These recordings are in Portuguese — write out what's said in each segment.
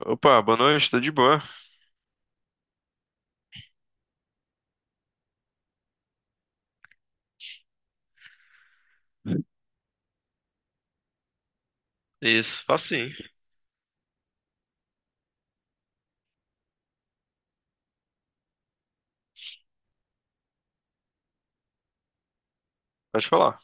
Opa, boa noite, tudo de boa? Isso, faço sim. Pode falar.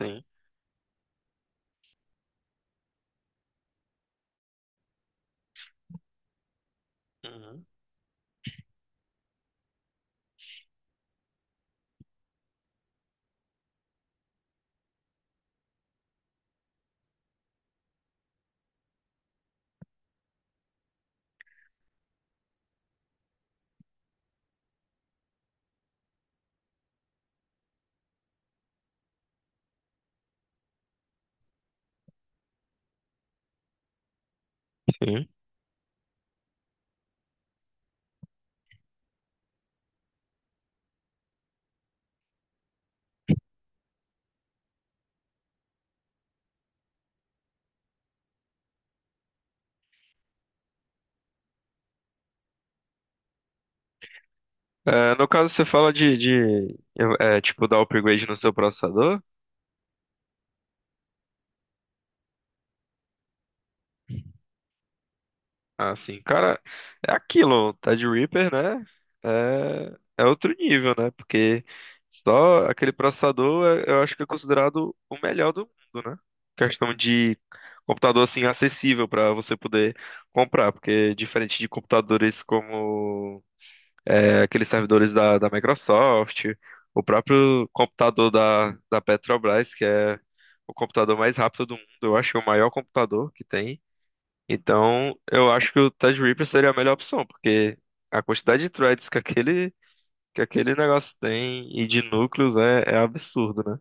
Sim. Uhum. Sim. No caso, você fala de, tipo, dar upgrade no seu processador? Ah, sim. Cara, é aquilo, tá de Reaper, né? É outro nível, né? Porque só aquele processador, eu acho que é considerado o melhor do mundo, né? Questão de computador, assim, acessível pra você poder comprar. Porque diferente de computadores como aqueles servidores da Microsoft, o próprio computador da Petrobras, que é o computador mais rápido do mundo, eu acho que é o maior computador que tem. Então, eu acho que o Tide seria a melhor opção, porque a quantidade de threads que aquele negócio tem e de núcleos é absurdo, né?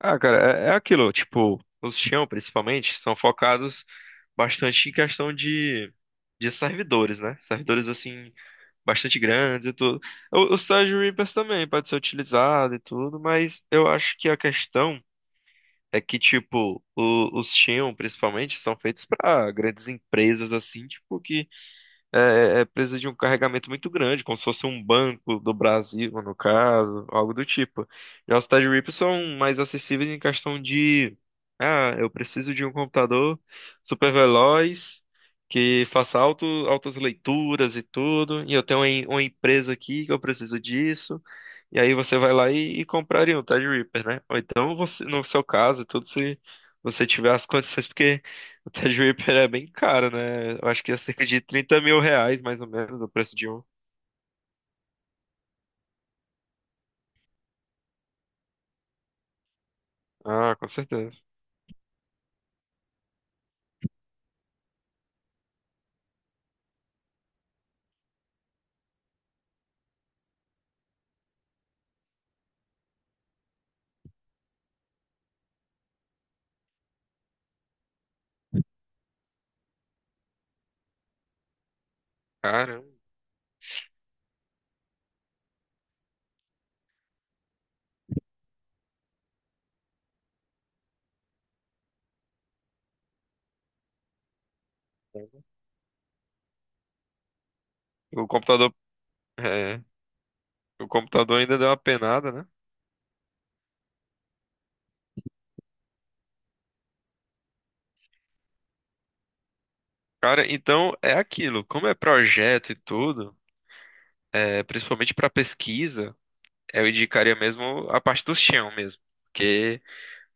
Ah, cara, é aquilo, tipo, os Xeon, principalmente, são focados bastante em questão de servidores, né? Servidores, assim, bastante grandes e tudo. O Sérgio Ribas também pode ser utilizado e tudo, mas eu acho que a questão é que, tipo, os Xeon, principalmente, são feitos para grandes empresas, assim, tipo, que é, precisa de um carregamento muito grande, como se fosse um Banco do Brasil, no caso, algo do tipo. Já os TidyRips são mais acessíveis em questão de, ah, eu preciso de um computador super veloz, que faça altas leituras e tudo, e eu tenho uma empresa aqui que eu preciso disso, e aí você vai lá e compraria um TidyRipper, né? Ou então, você, no seu caso, tudo se você tiver as condições, porque o Ted Reaper é bem caro, né? Eu acho que é cerca de R$ 30.000, mais ou menos, o preço de um. Ah, com certeza. Caramba. O computador, é, o computador ainda deu uma penada, né? Cara, então é aquilo. Como é projeto e tudo, principalmente para pesquisa, eu indicaria mesmo a parte do chão mesmo. Porque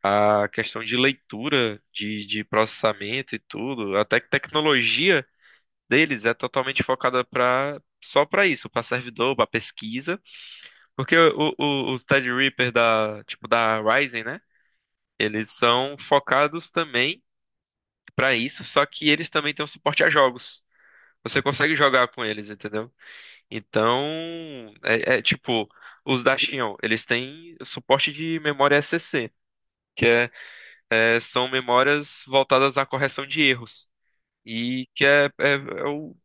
a questão de leitura, de processamento e tudo, até que tecnologia deles é totalmente focada para só para isso, para servidor, para pesquisa. Porque os Tide Reaper da, tipo, da Ryzen, né? Eles são focados também pra isso, só que eles também têm um suporte a jogos. Você consegue jogar com eles, entendeu? Então, é tipo, os da Xeon, eles têm suporte de memória SCC, que é, são memórias voltadas à correção de erros. E que é, é- é o,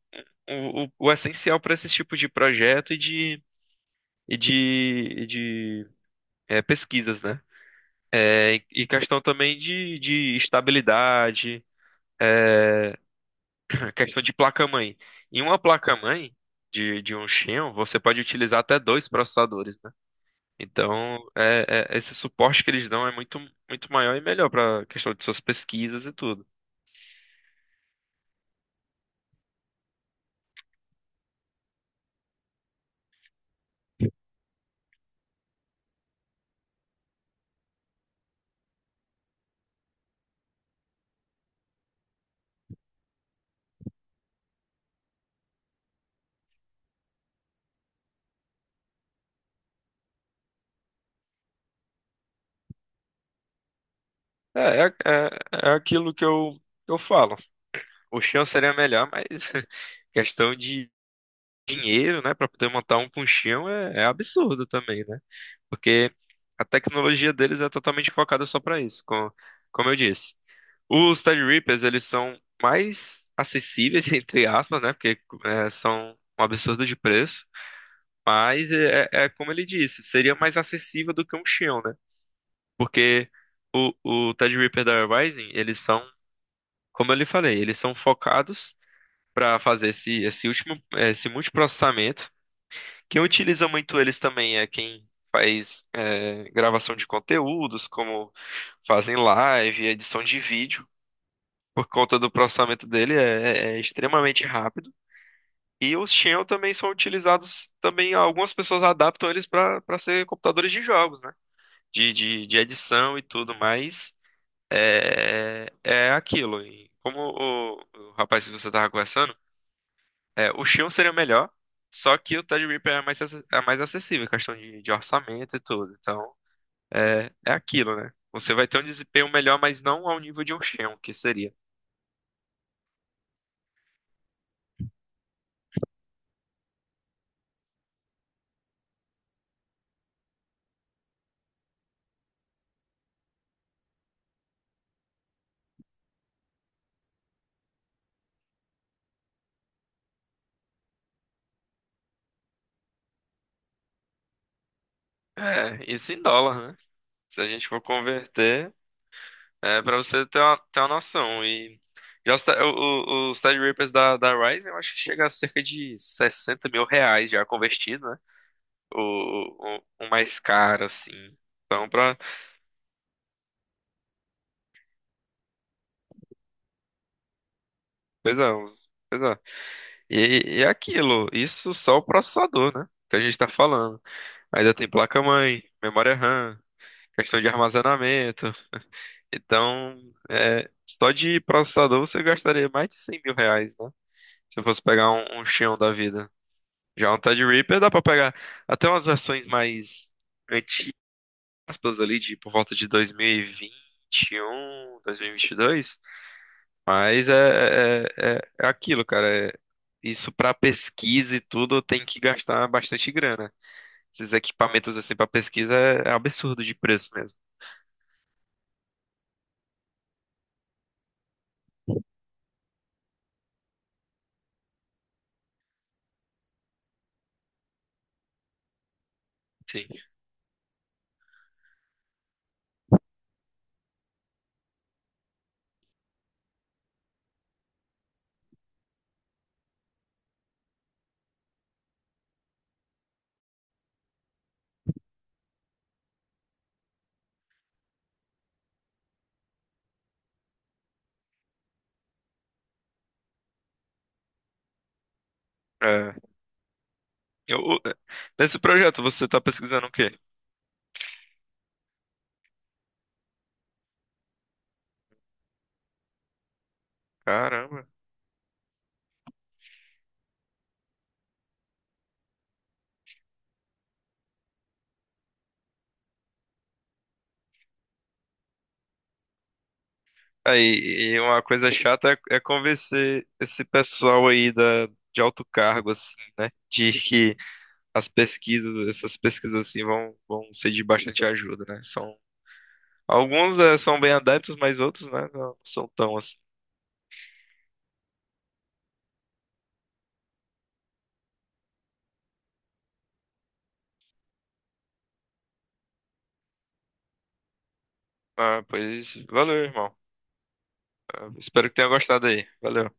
o, o- o essencial para esse tipo de projeto e de, e de pesquisas, né? É, e questão também de estabilidade, é, questão de placa-mãe. Em uma placa-mãe de um Xeon, você pode utilizar até dois processadores, né? Então, esse suporte que eles dão é muito, muito maior e melhor para questão de suas pesquisas e tudo. É, é, é, é aquilo que eu falo. O Xeon seria melhor, mas questão de dinheiro, né, para poder montar um com Xeon é absurdo também, né? Porque a tecnologia deles é totalmente focada só para isso, como, eu disse. Os Tide Reapers, eles são mais acessíveis, entre aspas, né? Porque é, são um absurdo de preço, mas é como ele disse, seria mais acessível do que um Xeon, né? Porque o Tide Reaper da Rising, eles são, como eu lhe falei, eles são focados para fazer esse multiprocessamento. Quem utiliza muito eles também é quem faz gravação de conteúdos, como fazem live, edição de vídeo. Por conta do processamento dele é extremamente rápido. E os Xeon também são utilizados, também algumas pessoas adaptam eles para ser computadores de jogos, né? De edição e tudo mais. É, é aquilo. E como o rapaz que você estava conversando, é, o Xion seria o melhor, só que o Tide Reaper é mais acessível, questão de orçamento e tudo. Então, é, é aquilo, né? Você vai ter um desempenho melhor, mas não ao nível de um Xion, que seria. É, isso em dólar, né? Se a gente for converter, é pra você ter ter uma noção. E já os, Ti- o- os Tide Reapers da Ryzen, eu acho que chega a cerca de R$ 60.000 já convertido, né? O mais caro, assim. Então, pra. Pois é, pois é. E é aquilo, isso só o processador, né? Que a gente tá falando. Ainda tem placa-mãe, memória RAM, questão de armazenamento. Então, é, só de processador você gastaria mais de R$ 100.000, né? Se eu fosse pegar um Xeon da vida. Já um Threadripper dá pra pegar até umas versões mais antigas aspas, ali, de por volta de dois mil e um, dois mil e vinte um 2021, dois mas é, é aquilo, cara. Isso para pesquisa e tudo tem que gastar bastante grana. Esses equipamentos assim para pesquisa é absurdo de preço mesmo. Sim. É. Eu- Nesse projeto você tá pesquisando o quê? Caramba. Aí, e uma coisa chata é convencer esse pessoal aí da, de alto cargo, assim, né? De que as pesquisas, essas pesquisas assim vão ser de bastante ajuda, né? São, alguns são bem adeptos, mas outros, né, não são tão assim. Ah, pois valeu, irmão. Eu espero que tenha gostado aí. Valeu.